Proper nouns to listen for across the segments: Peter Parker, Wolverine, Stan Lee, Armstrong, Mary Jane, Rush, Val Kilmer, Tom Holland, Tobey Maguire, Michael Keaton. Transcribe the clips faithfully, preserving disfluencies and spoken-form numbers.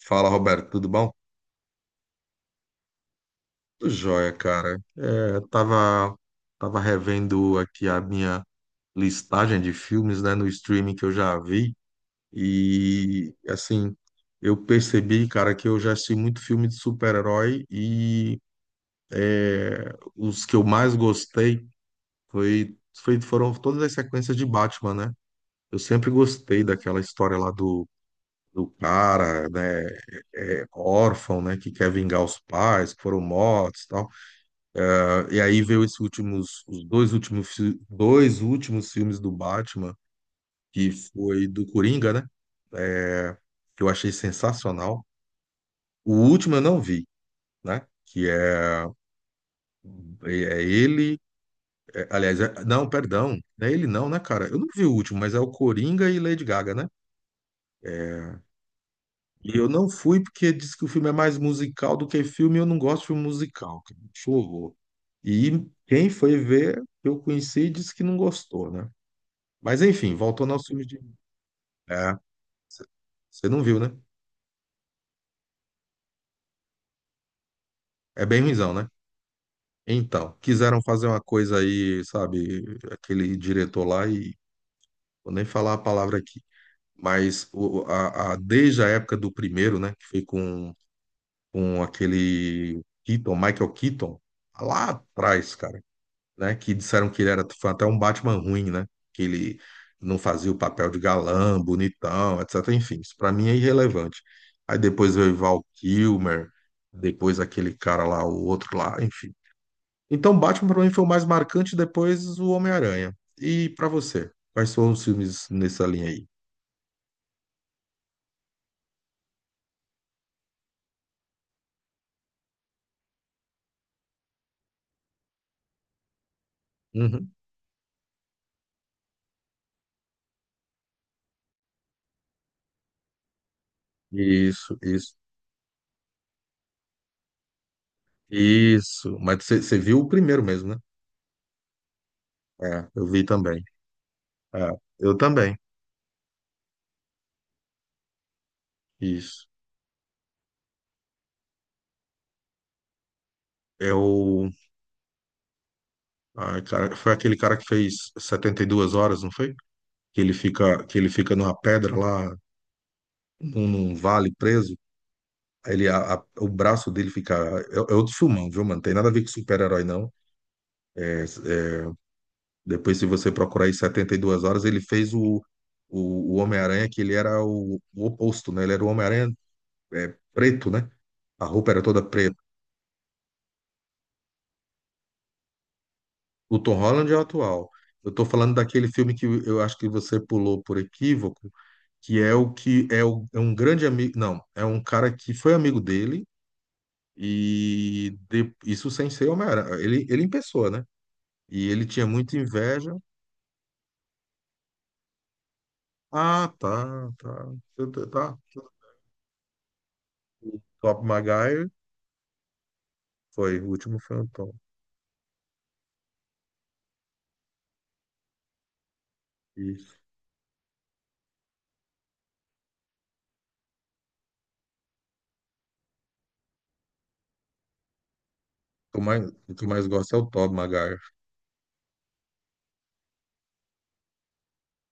Fala, Roberto, tudo bom? Tudo jóia, cara. É, tava, tava revendo aqui a minha listagem de filmes, né, no streaming que eu já vi e, assim, eu percebi, cara, que eu já assisti muito filme de super-herói e é, os que eu mais gostei foi, foi- foram todas as sequências de Batman, né? Eu sempre gostei daquela história lá do, do cara, né, é, órfão, né, que quer vingar os pais que foram mortos e tal. E aí veio esses últimos, os dois últimos, fi- dois últimos filmes do Batman, que foi do Coringa, né? É, Que eu achei sensacional. O último eu não vi, né? Que é, é é ele. É- aliás, é- Não, perdão. Não é ele não, né, cara? Eu não vi o último, mas é o Coringa e Lady Gaga, né? É, E eu não fui porque diz que o filme é mais musical do que filme, e eu não gosto de filme musical, cara. Acho um horror. E quem foi ver, eu conheci, disse que não gostou, né? Mas enfim, voltando aos filmes de. É. Você não viu, né? É bem ruimzão, né? Então, quiseram fazer uma coisa aí, sabe, aquele diretor lá e vou nem falar a palavra aqui, mas o- a, a- desde a época do primeiro, né, que foi com, com aquele Keaton, Michael Keaton, lá atrás, cara. Né? Que disseram que ele era foi até um Batman ruim, né? Que ele não fazia o papel de galã, bonitão, etecetera. Enfim, isso pra mim é irrelevante. Aí depois veio Val Kilmer, depois aquele cara lá, o outro lá, enfim. Então Batman pra mim foi o mais marcante, depois o Homem-Aranha. E pra você, quais foram os filmes nessa linha aí? Uhum. Isso, isso, isso. Mas você você viu o primeiro mesmo, né? É, eu vi também. É, eu também. Isso. Eu Ah, cara, foi aquele cara que fez setenta e duas horas, não foi? Que ele fica, que ele fica numa pedra lá, num, num vale preso. Aí ele, a- a- o braço dele fica. É, é outro filmão, viu, mano? Tem nada a ver com super-herói, não. É, é, depois, se você procurar aí setenta e duas horas, ele fez o, o, o Homem-Aranha, que ele era o, o oposto, né? Ele era o Homem-Aranha é, preto, né? A roupa era toda preta. O Tom Holland é o atual. Eu tô falando daquele filme que eu acho que você pulou por equívoco, que é o que é, o- é um grande amigo, não, é um cara que foi amigo dele e de- isso sem ser Homem-Aranha, ele, ele em pessoa, né? E ele tinha muita inveja. Ah, tá, tá, tá, tá. tá. Maguire foi, o último foi o Tom. Isso. O que eu mais, o que eu mais gosto é o Tobey Maguire.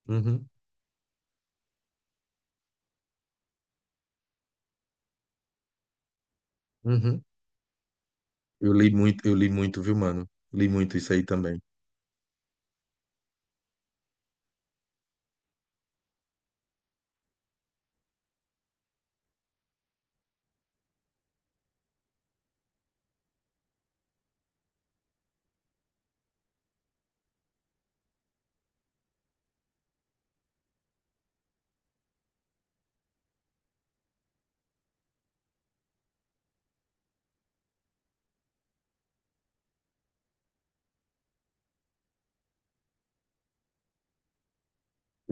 Uhum, uhum. Eu li muito, eu li muito, viu, mano? Li muito isso aí também.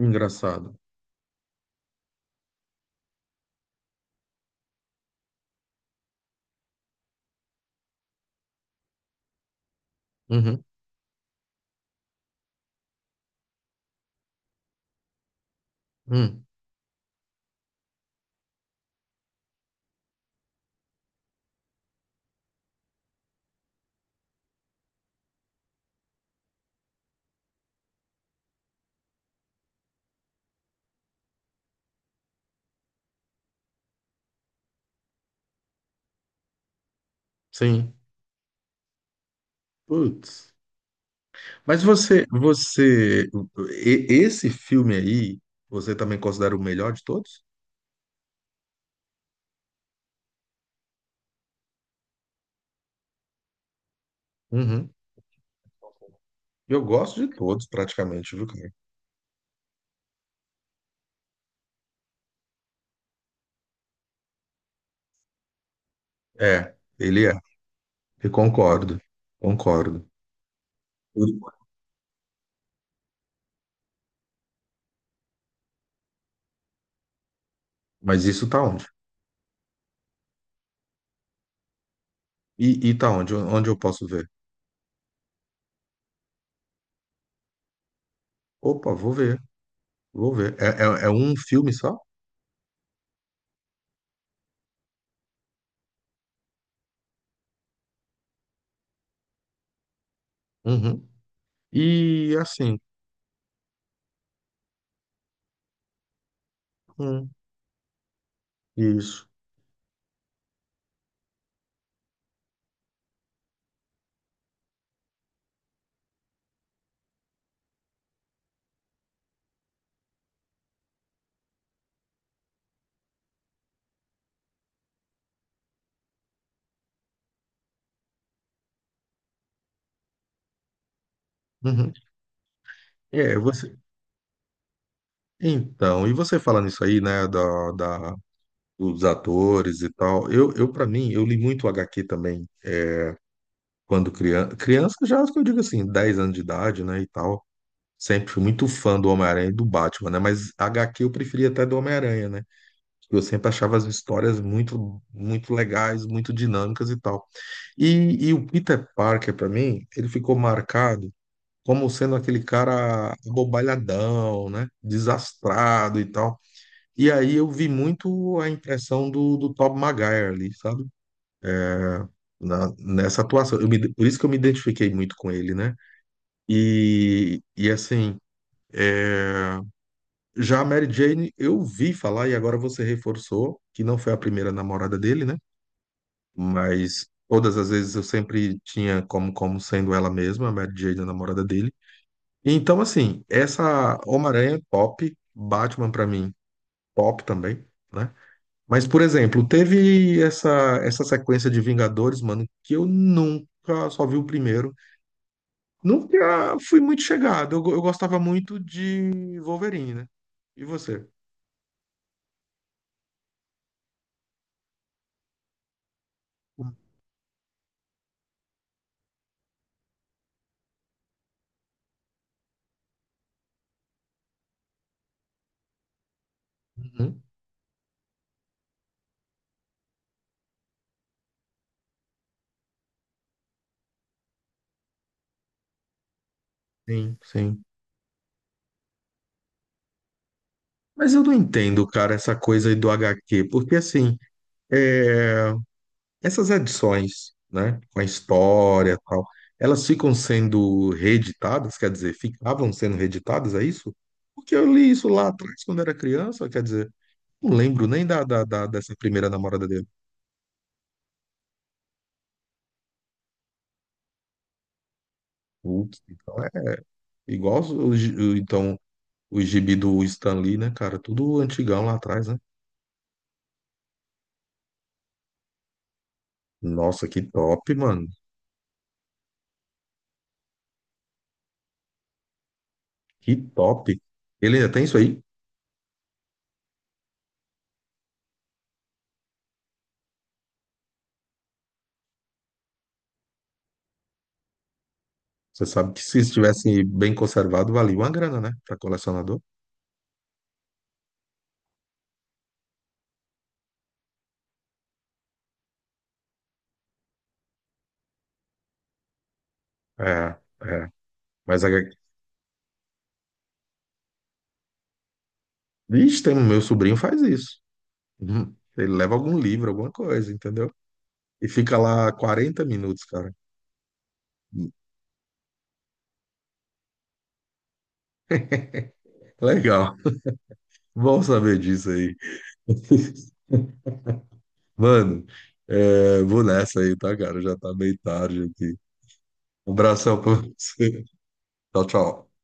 Engraçado. Uhum, hum, sim. Putz. Mas você, você, e- esse filme aí, você também considera o melhor de todos? Uhum. Eu gosto de todos, praticamente, viu, cara? É, ele é. Eu concordo, concordo. Mas isso tá onde? E, e tá onde? Onde eu posso ver? Opa, vou ver, vou ver. É, é- é um filme só? Uhum. E assim, hum, isso. Uhum. É, você. Então, e você falando isso aí, né, da, da dos atores e tal. Eu, eu para mim, eu li muito agá quê também quando criança. Criança já, acho que eu digo assim, dez anos de idade, né, e tal. Sempre fui muito fã do Homem-Aranha e do Batman, né? Mas agá quê eu preferia até do Homem-Aranha, né? Eu sempre achava as histórias muito, muito legais, muito dinâmicas e tal. E, e o Peter Parker, para mim, ele ficou marcado como sendo aquele cara abobalhadão, né? Desastrado e tal. E aí eu vi muito a impressão do, do Tobey Maguire ali, sabe? na- nessa atuação. Eu me- por isso que eu me identifiquei muito com ele, né? E, e assim, é, já a Mary Jane, eu vi falar, e agora você reforçou, que não foi a primeira namorada dele, né? Mas todas as vezes eu sempre tinha como, como sendo ela mesma, a Mary Jane, a namorada dele. Então, assim, essa Homem-Aranha, top. Batman, pra mim, top também, né? Mas, por exemplo, teve essa, essa sequência de Vingadores, mano, que eu nunca só vi o primeiro. Nunca fui muito chegado. Eu, go- eu gostava muito de Wolverine, né? E você? Uhum. Sim, sim. Mas eu não entendo, cara, essa coisa aí do agá quê, porque assim, é, essas edições, né, com a história e tal, elas ficam sendo reeditadas, quer dizer, ficavam sendo reeditadas, é isso? Porque eu li isso lá atrás, quando era criança, quer dizer, não lembro nem da, da, da- dessa primeira namorada dele. Putz, então é igual, os- os- então o gibi do Stan Lee, né, cara? Tudo antigão lá atrás, né? Nossa, que top, mano. Que top. Ele ainda tem isso aí? Você sabe que se estivesse bem conservado, valia uma grana, né? Pra colecionador. É, é. Mas a... Ixi, tem... um, meu sobrinho faz isso. Uhum. Ele leva algum livro, alguma coisa, entendeu? E fica lá quarenta minutos, cara. Legal. Bom saber disso aí. Mano, é, vou nessa aí, tá, cara? Já tá meio tarde aqui. Um abração pra você. Tchau, tchau.